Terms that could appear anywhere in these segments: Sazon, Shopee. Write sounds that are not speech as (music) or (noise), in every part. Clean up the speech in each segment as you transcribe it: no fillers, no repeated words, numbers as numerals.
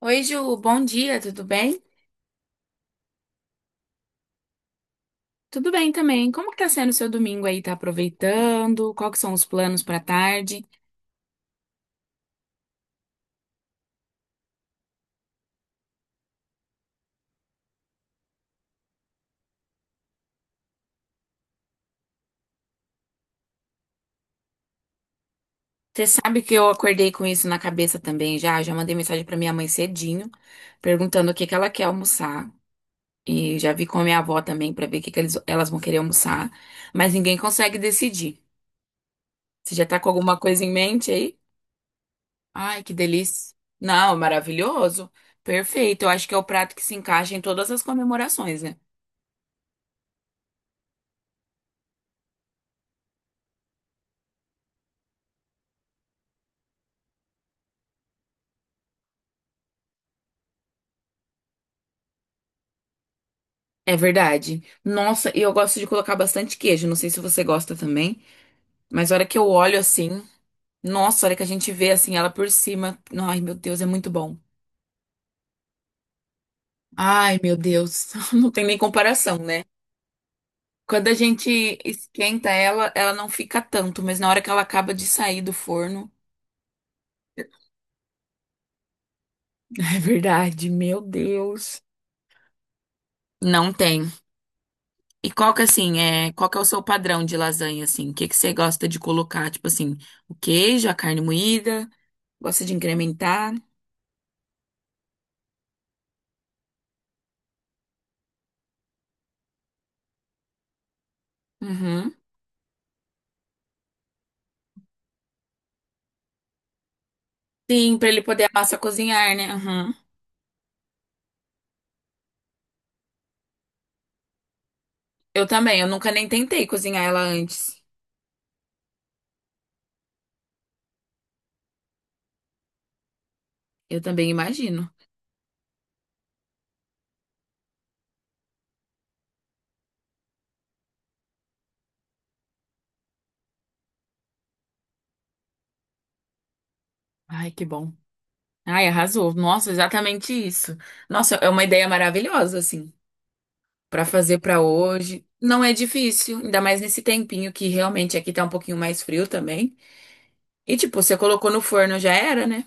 Oi, Ju, bom dia, tudo bem? Tudo bem também. Como que tá sendo o seu domingo aí? Tá aproveitando? Qual que são os planos pra tarde? Você sabe que eu acordei com isso na cabeça também já, mandei mensagem pra minha mãe cedinho, perguntando o que que ela quer almoçar. E já vi com a minha avó também pra ver o que que elas vão querer almoçar, mas ninguém consegue decidir. Você já tá com alguma coisa em mente aí? Ai, que delícia. Não, maravilhoso. Perfeito. Eu acho que é o prato que se encaixa em todas as comemorações, né? É verdade. Nossa, e eu gosto de colocar bastante queijo. Não sei se você gosta também, mas a hora que eu olho assim, nossa, a hora que a gente vê assim ela por cima, ai meu Deus, é muito bom. Ai meu Deus, (laughs) não tem nem comparação, né? Quando a gente esquenta ela, ela não fica tanto, mas na hora que ela acaba de sair do forno, (laughs) é verdade, meu Deus. Não tem. E qual que assim, é, qual que é o seu padrão de lasanha assim? O que que você gosta de colocar, tipo assim, o queijo, a carne moída, gosta de incrementar? Uhum. Sim, pra ele poder a massa cozinhar, né? Uhum. Eu também, eu nunca nem tentei cozinhar ela antes. Eu também imagino. Ai, que bom. Ai, arrasou. Nossa, exatamente isso. Nossa, é uma ideia maravilhosa, assim, pra fazer pra hoje. Não é difícil, ainda mais nesse tempinho que realmente aqui tá um pouquinho mais frio também. E tipo, você colocou no forno já era, né?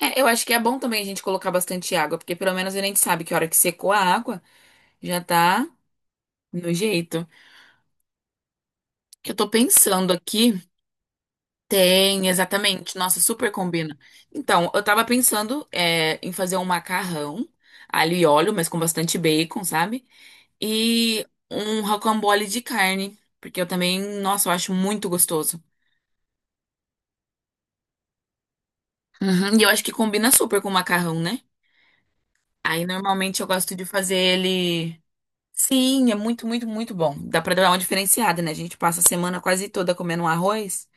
É, eu acho que é bom também a gente colocar bastante água, porque pelo menos a gente sabe que a hora que secou a água, já tá no jeito. Que eu tô pensando aqui. Tem, exatamente. Nossa, super combina. Então, eu tava pensando é, em fazer um macarrão, alho e óleo, mas com bastante bacon, sabe? E um rocambole de carne, porque eu também, nossa, eu acho muito gostoso. Uhum, e eu acho que combina super com o macarrão, né? Aí, normalmente, eu gosto de fazer ele... Sim, é muito, muito, muito bom. Dá pra dar uma diferenciada, né? A gente passa a semana quase toda comendo um arroz.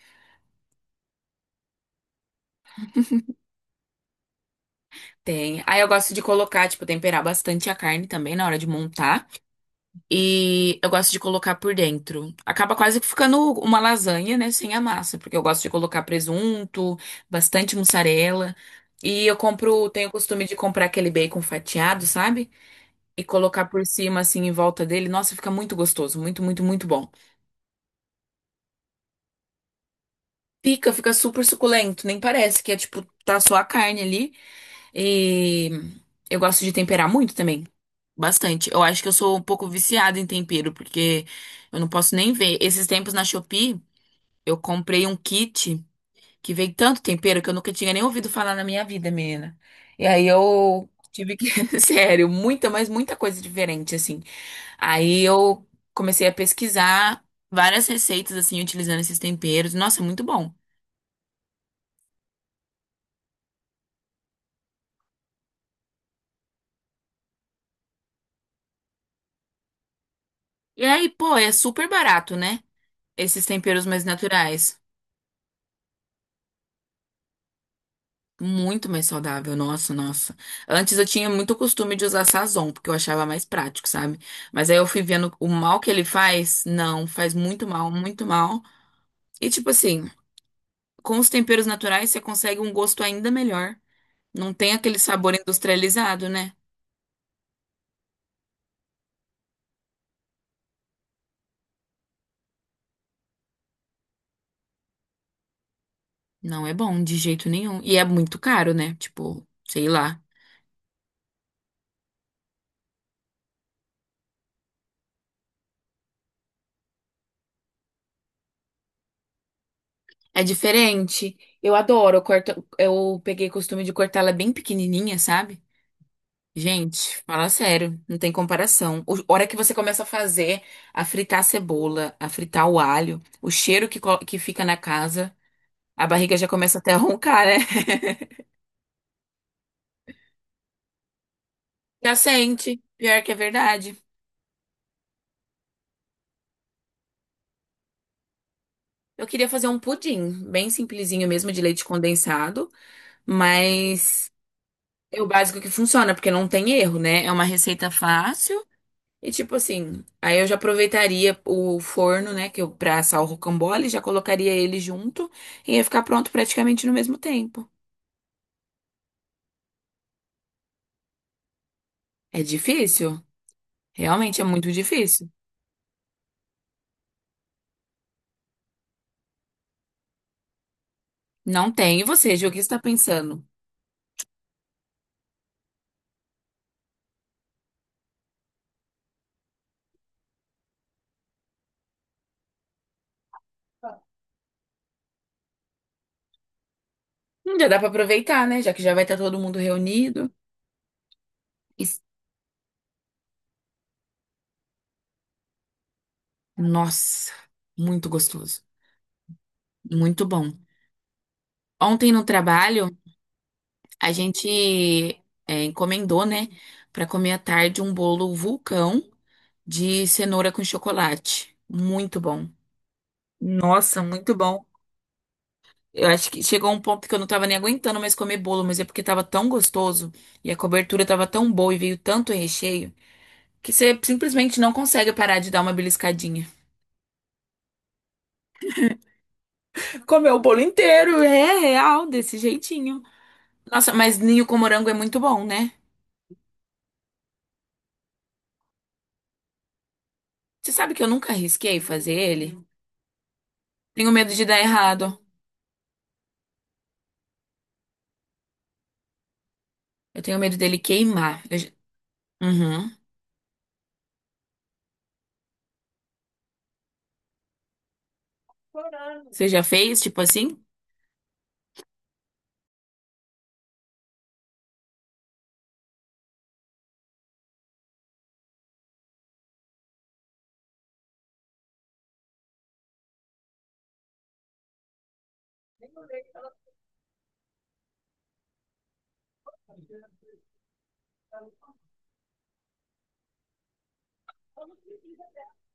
Tem. Aí eu gosto de colocar, tipo, temperar bastante a carne também na hora de montar. E eu gosto de colocar por dentro. Acaba quase que ficando uma lasanha, né? Sem a massa, porque eu gosto de colocar presunto, bastante mussarela. E eu compro, tenho o costume de comprar aquele bacon fatiado, sabe? E colocar por cima, assim, em volta dele. Nossa, fica muito gostoso, muito, muito, muito bom. Pica, fica super suculento, nem parece que é tipo, tá só a carne ali. E eu gosto de temperar muito também. Bastante. Eu acho que eu sou um pouco viciada em tempero, porque eu não posso nem ver. Esses tempos na Shopee. Eu comprei um kit que vem tanto tempero que eu nunca tinha nem ouvido falar na minha vida, menina. E aí eu tive que, (laughs) sério, muita, mas muita coisa diferente, assim. Aí eu comecei a pesquisar várias receitas, assim, utilizando esses temperos. Nossa, muito bom. E aí, pô, é super barato, né? Esses temperos mais naturais. Muito mais saudável, nossa, nossa. Antes eu tinha muito costume de usar Sazon, porque eu achava mais prático, sabe? Mas aí eu fui vendo o mal que ele faz. Não, faz muito mal, muito mal. E tipo assim, com os temperos naturais você consegue um gosto ainda melhor. Não tem aquele sabor industrializado, né? Não é bom de jeito nenhum. E é muito caro, né? Tipo, sei lá. É diferente. Eu adoro, eu corto, eu peguei costume de cortá-la bem pequenininha, sabe? Gente, fala sério, não tem comparação. A hora que você começa a fazer, a fritar a cebola, a fritar o alho, o cheiro que, que fica na casa, a barriga já começa até a roncar, né? (laughs) Já sente, pior que é verdade. Eu queria fazer um pudim, bem simplesinho mesmo, de leite condensado, mas é o básico que funciona, porque não tem erro, né? É uma receita fácil. E tipo assim, aí eu já aproveitaria o forno, né, que eu pra assar o rocambole, já colocaria ele junto e ia ficar pronto praticamente no mesmo tempo. É difícil? Realmente é muito difícil. Não tem. E você, Ju, o que você tá pensando? Já dá pra aproveitar, né, já que já vai estar todo mundo reunido. E- Nossa, muito gostoso. Muito bom. Ontem no trabalho, a gente é, encomendou, né, pra comer à tarde um bolo vulcão de cenoura com chocolate. Muito bom. Nossa, muito bom. Eu acho que chegou um ponto que eu não tava nem aguentando mais comer bolo, mas é porque tava tão gostoso e a cobertura tava tão boa e veio tanto recheio que você simplesmente não consegue parar de dar uma beliscadinha. Comeu o bolo inteiro, é real, desse jeitinho. Nossa, mas ninho com morango é muito bom, né? Você sabe que eu nunca arrisquei fazer ele? Tenho medo de dar errado. Eu tenho medo dele queimar. Eu já- Uhum. Você já fez, tipo assim?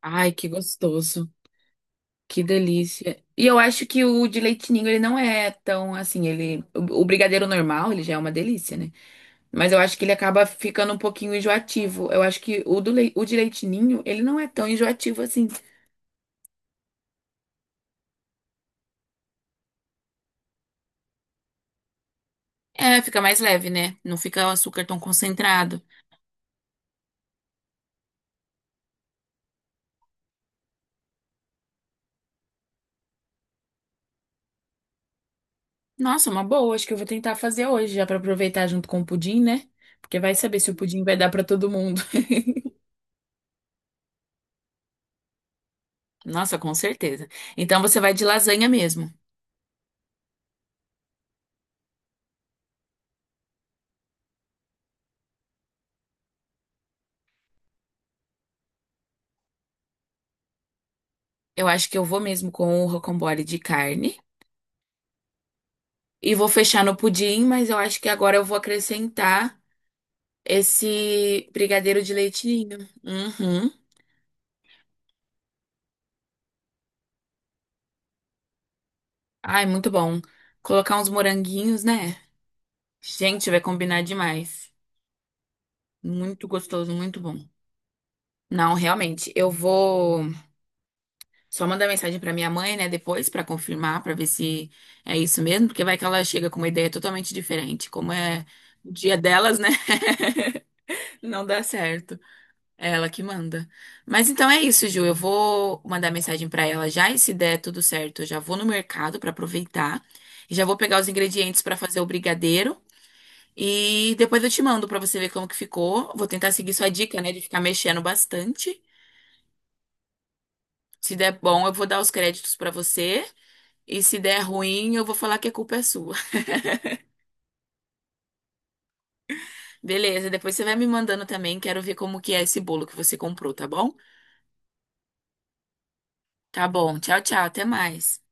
Ai, que gostoso. Que delícia. E eu acho que o de leite ninho, ele não é tão assim, ele... O brigadeiro normal, ele já é uma delícia, né? Mas eu acho que ele acaba ficando um pouquinho enjoativo. Eu acho que o, o de leite ninho, ele não é tão enjoativo assim. É, fica mais leve, né? Não fica o açúcar tão concentrado. Nossa, uma boa. Acho que eu vou tentar fazer hoje, já pra aproveitar junto com o pudim, né? Porque vai saber se o pudim vai dar pra todo mundo. (laughs) Nossa, com certeza. Então você vai de lasanha mesmo. Eu acho que eu vou mesmo com o rocambole de carne. E vou fechar no pudim, mas eu acho que agora eu vou acrescentar esse brigadeiro de leite ninho. Uhum. Ai, muito bom. Colocar uns moranguinhos, né? Gente, vai combinar demais. Muito gostoso, muito bom. Não, realmente, eu vou só mandar mensagem pra minha mãe, né, depois pra confirmar, pra ver se é isso mesmo, porque vai que ela chega com uma ideia totalmente diferente, como é o dia delas, né? (laughs) Não dá certo. É ela que manda. Mas então é isso, Ju. Eu vou mandar mensagem pra ela já e se der tudo certo, eu já vou no mercado pra aproveitar e já vou pegar os ingredientes pra fazer o brigadeiro e depois eu te mando pra você ver como que ficou. Vou tentar seguir sua dica, né, de ficar mexendo bastante. Se der bom, eu vou dar os créditos pra você e se der ruim, eu vou falar que a culpa é sua. (laughs) Beleza? Depois você vai me mandando também, quero ver como que é esse bolo que você comprou, tá bom? Tá bom. Tchau, tchau. Até mais.